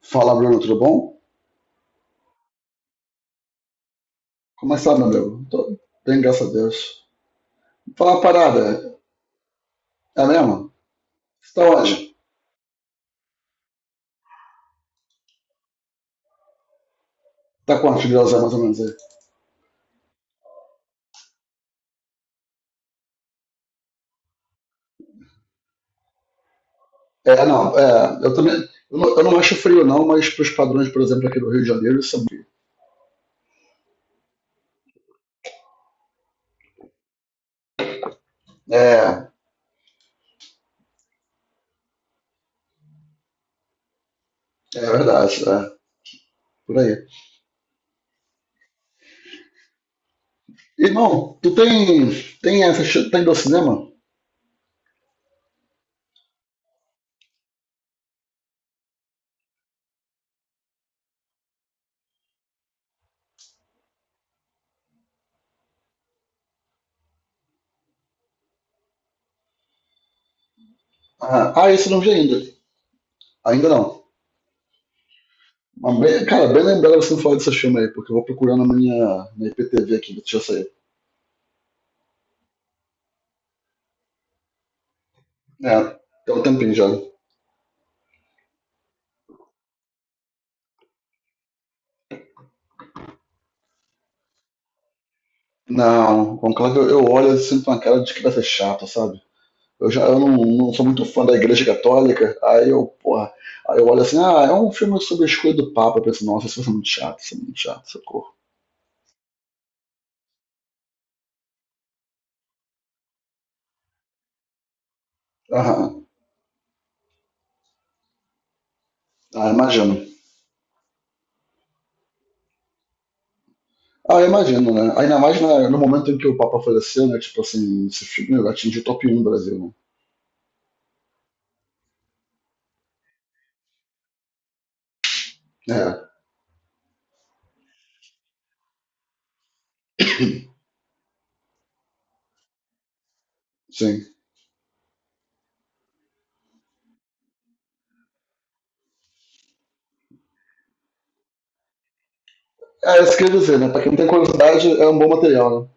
Fala, Bruno, tudo bom? Começar, meu amigo. Tô bem, graças a Deus. Fala uma parada, é mesmo? Você tá onde? Tá quantos graus é mais ou menos aí? É, não, é, eu também. Eu não acho frio, não, mas pros padrões, por exemplo, aqui do Rio de Janeiro, isso é frio. É, é verdade, é, por aí. Irmão, tu tem. Tem essa. Tá indo ao cinema? Ah, ah, esse eu não vi ainda. Ainda não. Mas cara, bem lembrado você não falar desse filme aí, porque eu vou procurar na minha, na IPTV aqui, deixa eu sair. É, tem um tempinho já. Não, conclave eu olho e sinto uma cara de que vai ser chato, sabe? Eu já eu não, não sou muito fã da Igreja Católica, aí eu, porra, aí eu olho assim, ah, é um filme sobre a escolha do Papa, eu penso, nossa, isso vai ser muito chato, isso é muito chato, socorro. Aham, ah, imagino. Ah, imagino, né? Ainda mais no momento em que o Papa faleceu, né? Tipo assim, esse filme atingiu o top um do Brasil, né? É, sim. É, isso que eu ia dizer, né? Pra quem tem curiosidade, é um bom material, né?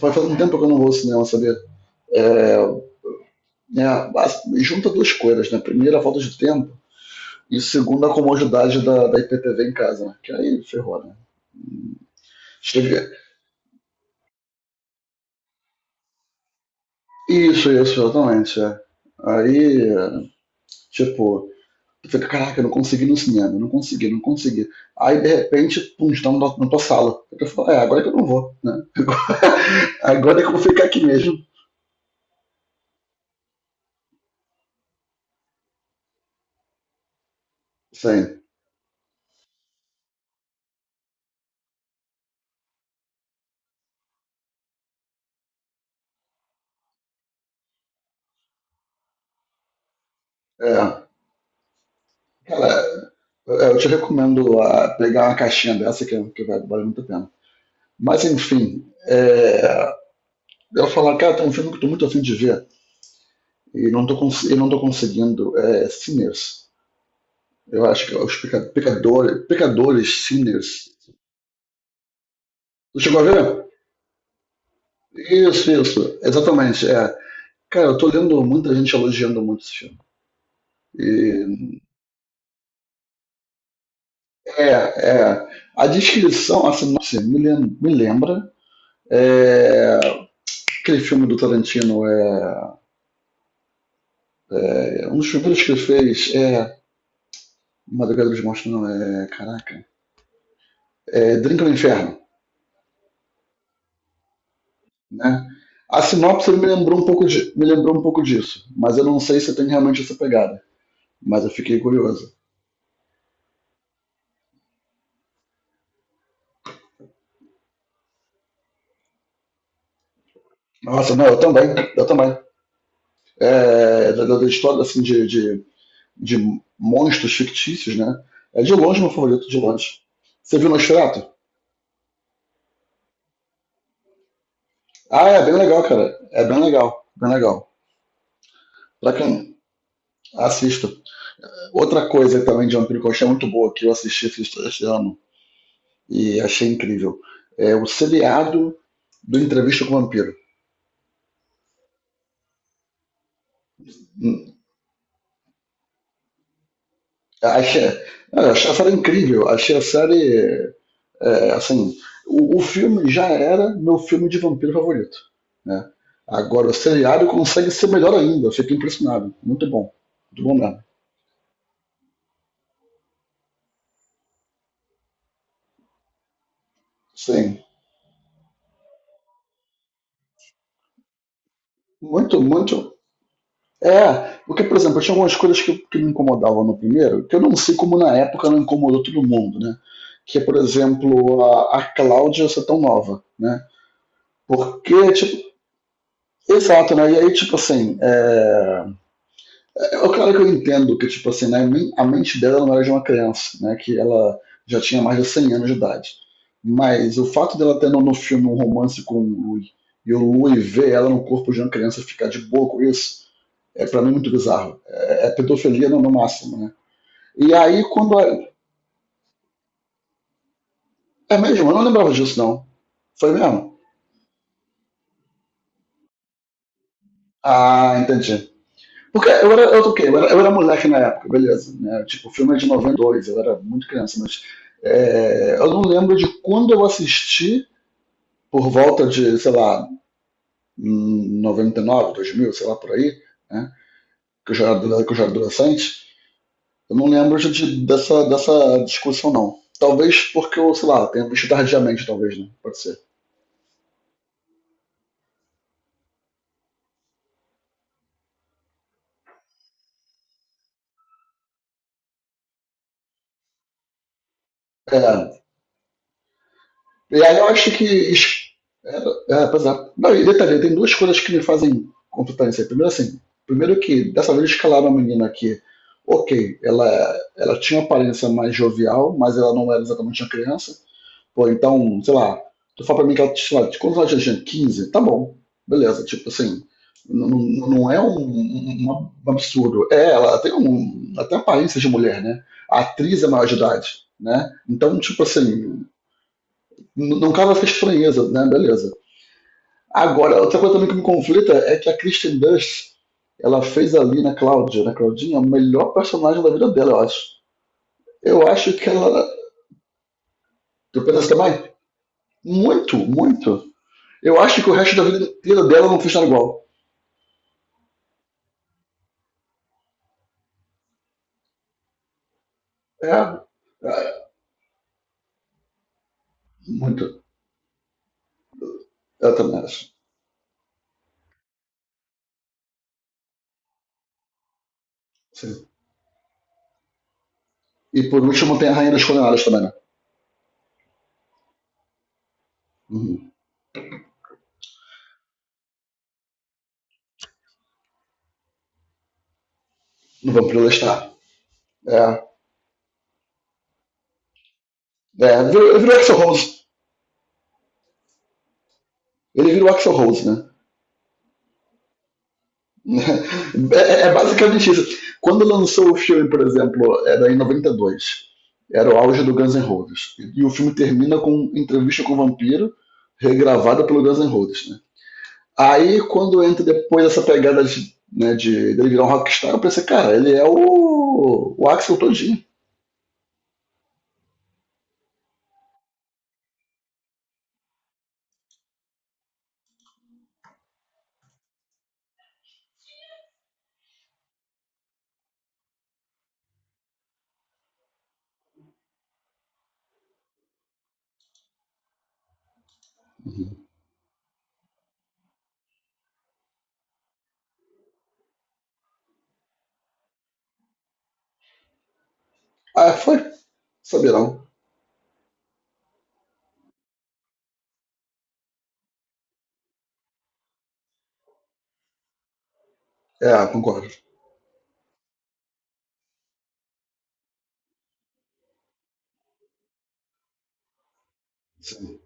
Faz um tempo que eu não vou ao cinema, sabia? É, é, junta duas coisas, né? Primeiro, a falta de tempo, e segundo, a comodidade da IPTV em casa, né? Que aí ferrou, né? Chega- Isso, isso, exatamente. É. Aí, é, tipo, tu fica, caraca, eu não consegui ir no cinema, eu não consegui. Aí, de repente, pum, está na tua sala. Aí tu é, agora que eu não vou, né? Agora é que eu vou ficar aqui mesmo. Sim, é. Cara, eu te recomendo pegar uma caixinha dessa que vai valer muito a pena. Mas, enfim, é, ela fala, cara, tem um filme que eu tô muito afim de ver e não tô, conseguindo. É Sinners. Eu acho que é os pecadores, Sinners. Tu chegou a ver? Isso, isso. Exatamente, é. Cara, eu tô lendo muita gente elogiando muito esse filme. E, é, é. A descrição, a sinopse me lembra é, aquele filme do Tarantino. É, é um dos primeiros que ele fez é Madrugada dos Monstros, não, é... Caraca. É Drink no Inferno. Né? A sinopse me lembrou um pouco de, me lembrou um pouco disso, mas eu não sei se tem realmente essa pegada. Mas eu fiquei curioso. Nossa, não, eu também. É, da história assim de monstros fictícios, né? É de longe meu favorito, de longe. Você viu Nosferatu? Ah, é bem legal, cara. É bem legal. Pra quem assista. Outra coisa também de vampiro que eu achei muito boa, que eu assisti esse ano e achei incrível, é o seriado do Entrevista com o Vampiro. Achei, eu achei a série incrível. Achei a série. É, assim, o filme já era meu filme de vampiro favorito. Né? Agora o seriado consegue ser melhor ainda. Eu fiquei impressionado. Muito bom. Muito bom mesmo. Sim. Muito, muito. É, porque, por exemplo, tinha algumas coisas que me incomodavam no primeiro, que eu não sei como na época não incomodou todo mundo, né? Que é, por exemplo, a Cláudia ser tão nova, né? Porque, tipo, exato, né? E aí, tipo assim, é, é claro que eu entendo que, tipo assim, né, a mente dela não era de uma criança, né? Que ela já tinha mais de 100 anos de idade. Mas o fato dela ter no filme um romance com o Louis e o Louis ver ela no corpo de uma criança e ficar de boa com isso, é para mim muito bizarro. É, é pedofilia no máximo, né? E aí quando. É, é mesmo, eu não lembrava disso, não. Foi mesmo? Ah, entendi. Porque eu era, eu, o quê? Eu era moleque na época, beleza. Né? Tipo, o filme é de 92, eu era muito criança, mas é, eu não lembro de quando eu assisti, por volta de, sei lá, 99, 2000, sei lá, por aí, né? Que, eu já era adolescente. Eu não lembro dessa discussão, não. Talvez porque eu, sei lá, tenha visto tardiamente, talvez, né? Pode ser. É, E aí eu acho que. Es- é, é, pois é. Não, e detalhe, tem duas coisas que me fazem contra isso aí. Primeiro, assim, primeiro que dessa vez escalaram a menina que, ok, ela tinha uma aparência mais jovial, mas ela não era exatamente uma criança. Pô, então, sei lá, tu fala pra mim que ela, sei lá, quantos ela tinha? 15. Tá bom, beleza, tipo assim. Não, não é um, um absurdo. É, ela tem um, até aparência de mulher, né? A atriz é maior de idade, né? Então, tipo assim, não cabe essa estranheza, né? Beleza. Agora, outra coisa também que me conflita é que a Kristen Dunst ela fez ali na Cláudia, na Claudinha, a melhor personagem da vida dela, eu acho. Eu acho que ela. Tu pensa também? Muito, muito. Eu acho que o resto da vida inteira dela não fez nada igual. É. É muito. Eu também acho. Sim. E por último tem a Rainha dos Condenados também, né? Uhum. Não vamos prelestar. É. É. Virou Axel Rose. Ele virou Axel Rose, né? É basicamente isso. Quando lançou o filme, por exemplo, era em 92, era o auge do Guns N' Roses. E o filme termina com entrevista com o vampiro, regravada pelo Guns N' Roses. Né? Aí, quando entra depois essa pegada de, né, de ele virar um rockstar, eu pensei, cara, ele é o Axel todinho. Ah, foi. Saberão. É, concordo. Sim.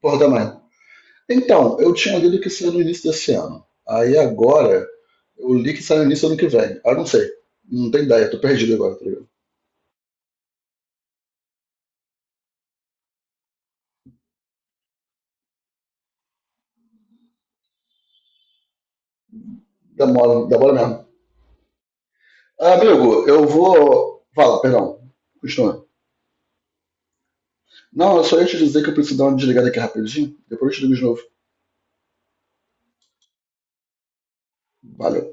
Porra, também. Então, eu tinha lido que seria no início desse ano. Aí agora, eu li que sai no início do ano que vem. Ah, não sei. Não tenho ideia, tô perdido agora, tá ligado? Demora, demora mesmo. Ah, amigo, eu vou. Fala, perdão. Continua. Não, eu só ia te dizer que eu preciso dar uma desligada aqui rapidinho. Depois eu te ligo de novo. Valeu.